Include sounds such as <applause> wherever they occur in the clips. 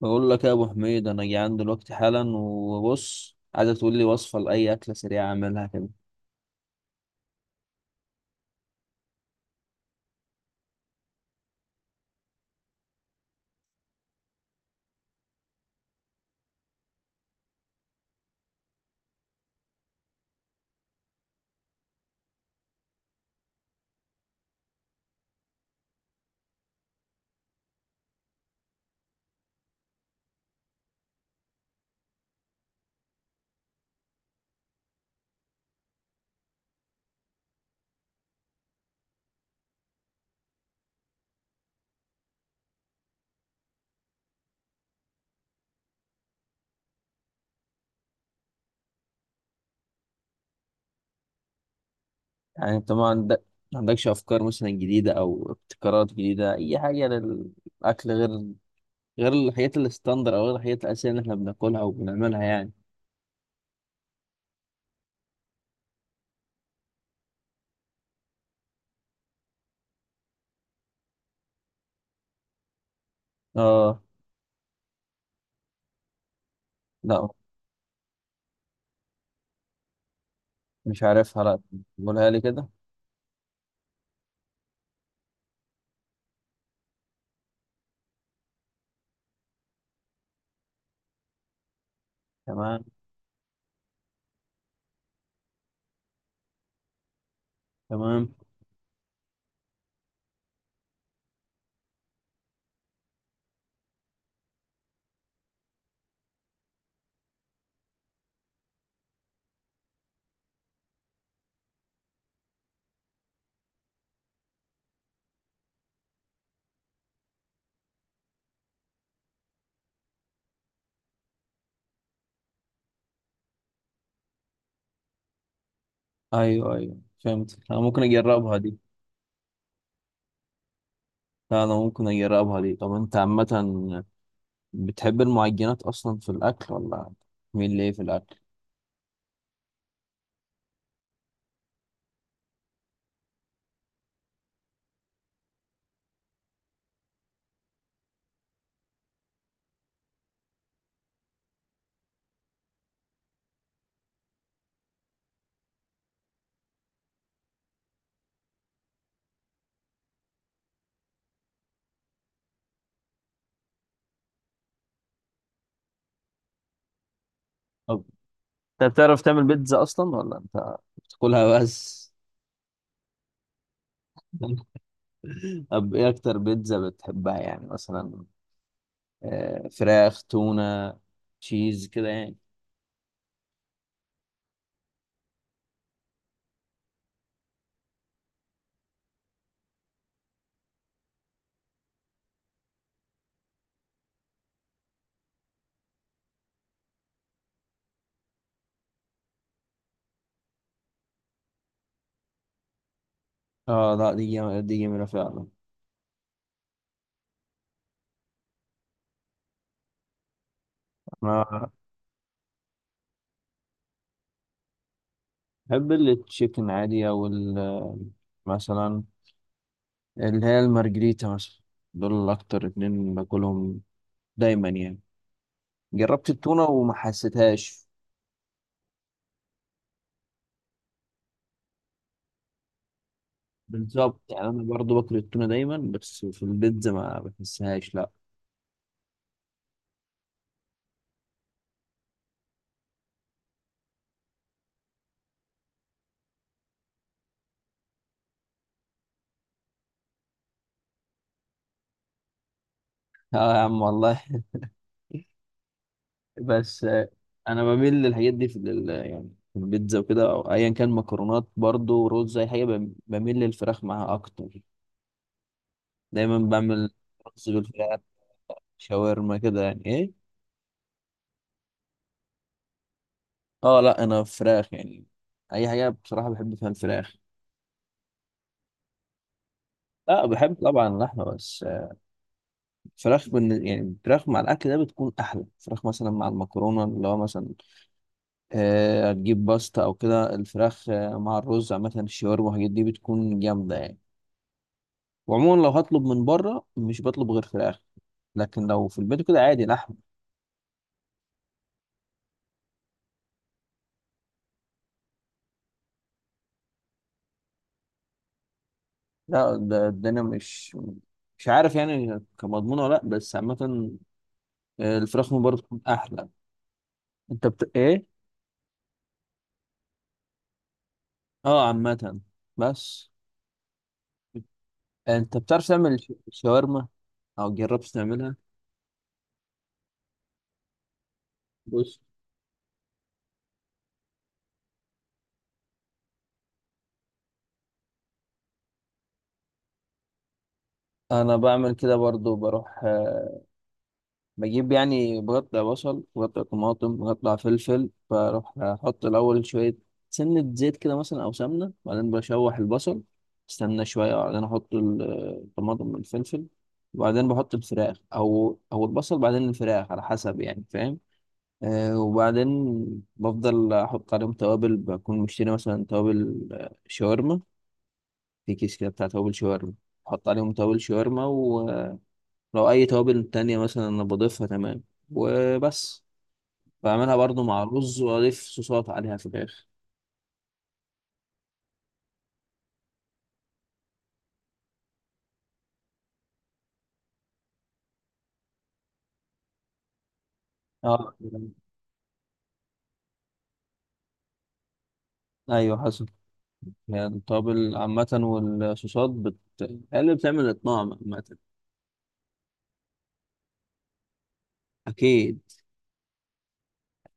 بقول لك يا ابو حميد، انا جعان دلوقتي حالا. وبص، عايزك تقول لي وصفه لاي اكله سريعه اعملها كده. يعني انت ما عندك، ما عندكش افكار مثلا جديده او ابتكارات جديده، اي حاجه للاكل غير غير الحاجات الستاندر، او غير الحاجات الاساسيه اللي احنا بناكلها وبنعملها يعني. اه، لا مش عارفها، لا. قولها لي كده. تمام. تمام. ايوه ايوه، فهمت. انا ممكن اجربها دي. لا انا ممكن اجربها دي. طب انت عامه بتحب المعجنات اصلا في الاكل ولا؟ مين ليه في الاكل؟ طب انت بتعرف تعمل بيتزا اصلا ولا انت بتاكلها بس؟ <laughs> طب ايه اكتر بيتزا بتحبها يعني؟ مثلا فراخ، تونة، تشيز كده يعني. اه لا، دي جميلة فعلا. انا بحب التشيكن عادي، مثلا اللي هي المارجريتا مثلا. دول اكتر اتنين باكلهم دايما يعني. جربت التونة وما حسيتهاش. بالظبط يعني، انا برضو باكل التونة دايما، بس في البيتزا ما بحسهاش لا. اه يا عم والله. بس انا بميل للحاجات دي يعني في البيتزا وكده، او ايا كان مكرونات، برضو رز، اي حاجه بميل للفراخ معاها اكتر. دايما بعمل رز بالفراخ، شاورما كده يعني ايه. اه لا، انا فراخ يعني. اي حاجه بصراحه بحب فيها الفراخ. لا بحب طبعا اللحمه، بس يعني فراخ مع الاكل ده بتكون احلى. فراخ مثلا مع المكرونه، اللي هو مثلا هتجيب باستا او كده، الفراخ مع الرز، عامه الشاورما والحاجات دي بتكون جامده يعني. وعموما لو هطلب من بره مش بطلب غير فراخ، لكن لو في البيت كده عادي لحم. لا ده انا مش مش عارف يعني كمضمون ولا لا، بس عامة الفراخ من بره بتكون احلى. ايه؟ اه عامة. بس انت بتعرف تعمل شاورما او جربت تعملها؟ بص انا بعمل كده برضو. بروح بجيب، يعني بقطع بصل، بقطع طماطم، بقطع فلفل، بروح احط الاول شويه سنه زيت كده مثلا، او سمنه، بعدين بشوح البصل، استنى شويه، وبعدين احط الطماطم والفلفل، وبعدين بحط الفراخ، او البصل بعدين الفراخ على حسب، يعني فاهم. أه وبعدين بفضل احط عليهم توابل، بكون مشتري مثلا توابل شاورما، في كيس كده بتاع توابل شاورما، بحط عليهم توابل شاورما. ولو اي توابل تانية مثلا انا بضيفها، تمام؟ وبس. بعملها برضو مع رز، واضيف صوصات عليها في الاخر. اه ايوه، حسب. هي التوابل عامة والصوصات هي اللي بتعمل الطعم عامة. اكيد.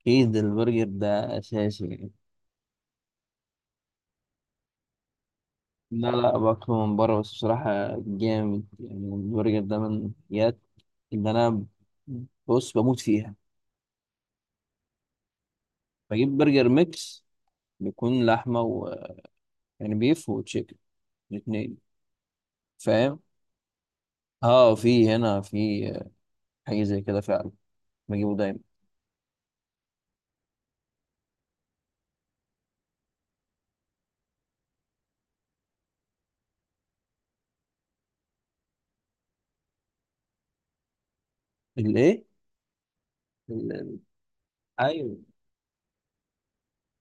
اكيد البرجر ده اساسي يعني. لا لا، باكله من بره بس بصراحة. جامد يعني البرجر ده، من الحاجات اللي انا، بص، بموت فيها. بجيب برجر ميكس، بيكون لحمة و، يعني بيف وتشيكن الاتنين، فاهم؟ اه في هنا في حاجة زي كده فعلا. بجيبه دايما. الايه، ال- ايوه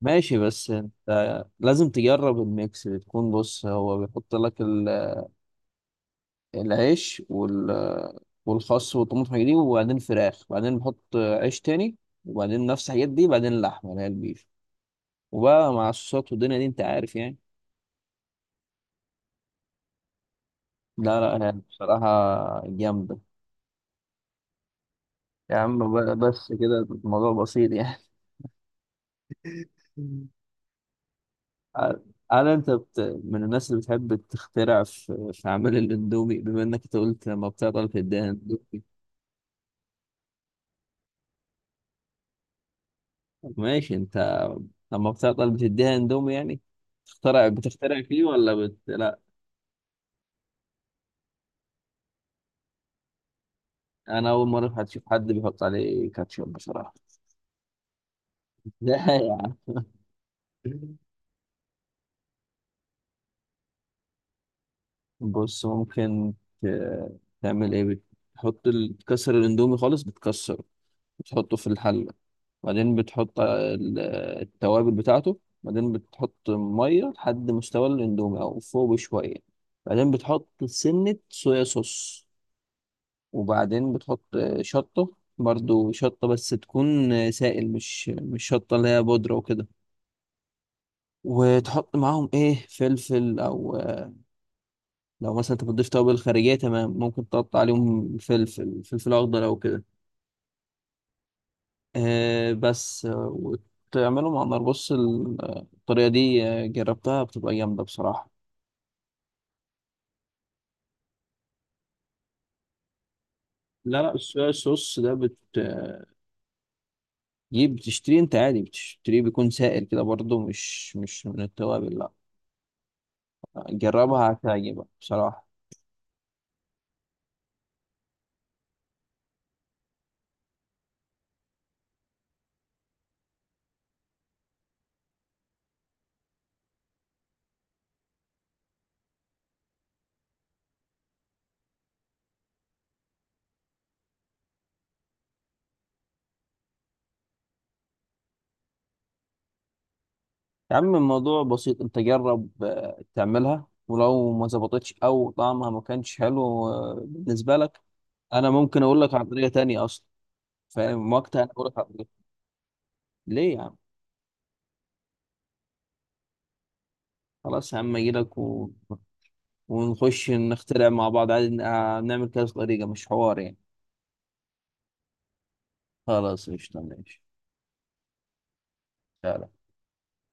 ماشي. بس انت لازم تجرب الميكس. بتكون، بص، هو بيحط لك العيش وال والخس والطماطم والحاجات دي، وبعدين فراخ، وبعدين بحط عيش تاني، وبعدين نفس الحاجات دي، بعدين اللحمة اللي هي البيف، وبقى مع الصوصات والدنيا دي، انت عارف يعني. لا لا يعني بصراحة جامدة. يا عم بقى بس كده الموضوع بسيط يعني. هل من الناس اللي بتحب تخترع في عمل الاندومي؟ بما انك أنت قلت لما بتعطل بتديها اندومي. ماشي، انت لما بتعطل بتديها اندومي، يعني تخترع، بتخترع فيه ولا لا؟ انا اول مره في حد اشوف حد بيحط عليه كاتشب بصراحه. <laughs> لا يا عم. بص ممكن ت... تعمل ايه، بتحط تكسر الاندومي خالص، بتكسره، بتحطه في الحلة، بعدين بتحط التوابل بتاعته، بعدين بتحط مية لحد مستوى الاندومي أو فوق بشوية، بعدين بتحط سنة صويا صوص، وبعدين بتحط شطة، برضو شطة بس تكون سائل، مش مش شطة اللي هي بودرة وكده، وتحط معاهم ايه، فلفل او، لو مثلا انت بتضيف توابل خارجية تمام، ممكن تقطع عليهم فلفل، فلفل اخضر او كده بس آه، وتعمله مع النار. بص الطريقة دي جربتها، بتبقى جامدة بصراحة. لا لا، الصويا الصوص ده بتجيب، بتشتريه انت عادي، بتشتريه بيكون سائل كده برضه، مش مش من التوابل لا. جربها هتعجبك بصراحة. يا عم الموضوع بسيط، انت جرب تعملها، ولو ما ظبطتش او طعمها ما كانش حلو بالنسبة لك، انا ممكن اقول لك على طريقة تانية اصلا، فاهم؟ وقتها انا اقول لك على طريقة. ليه يا عم؟ خلاص يا عم، اجي لك ونخش نخترع مع بعض عادي، نعمل كذا طريقة، مش حوار يعني. خلاص قشطة، ماشي.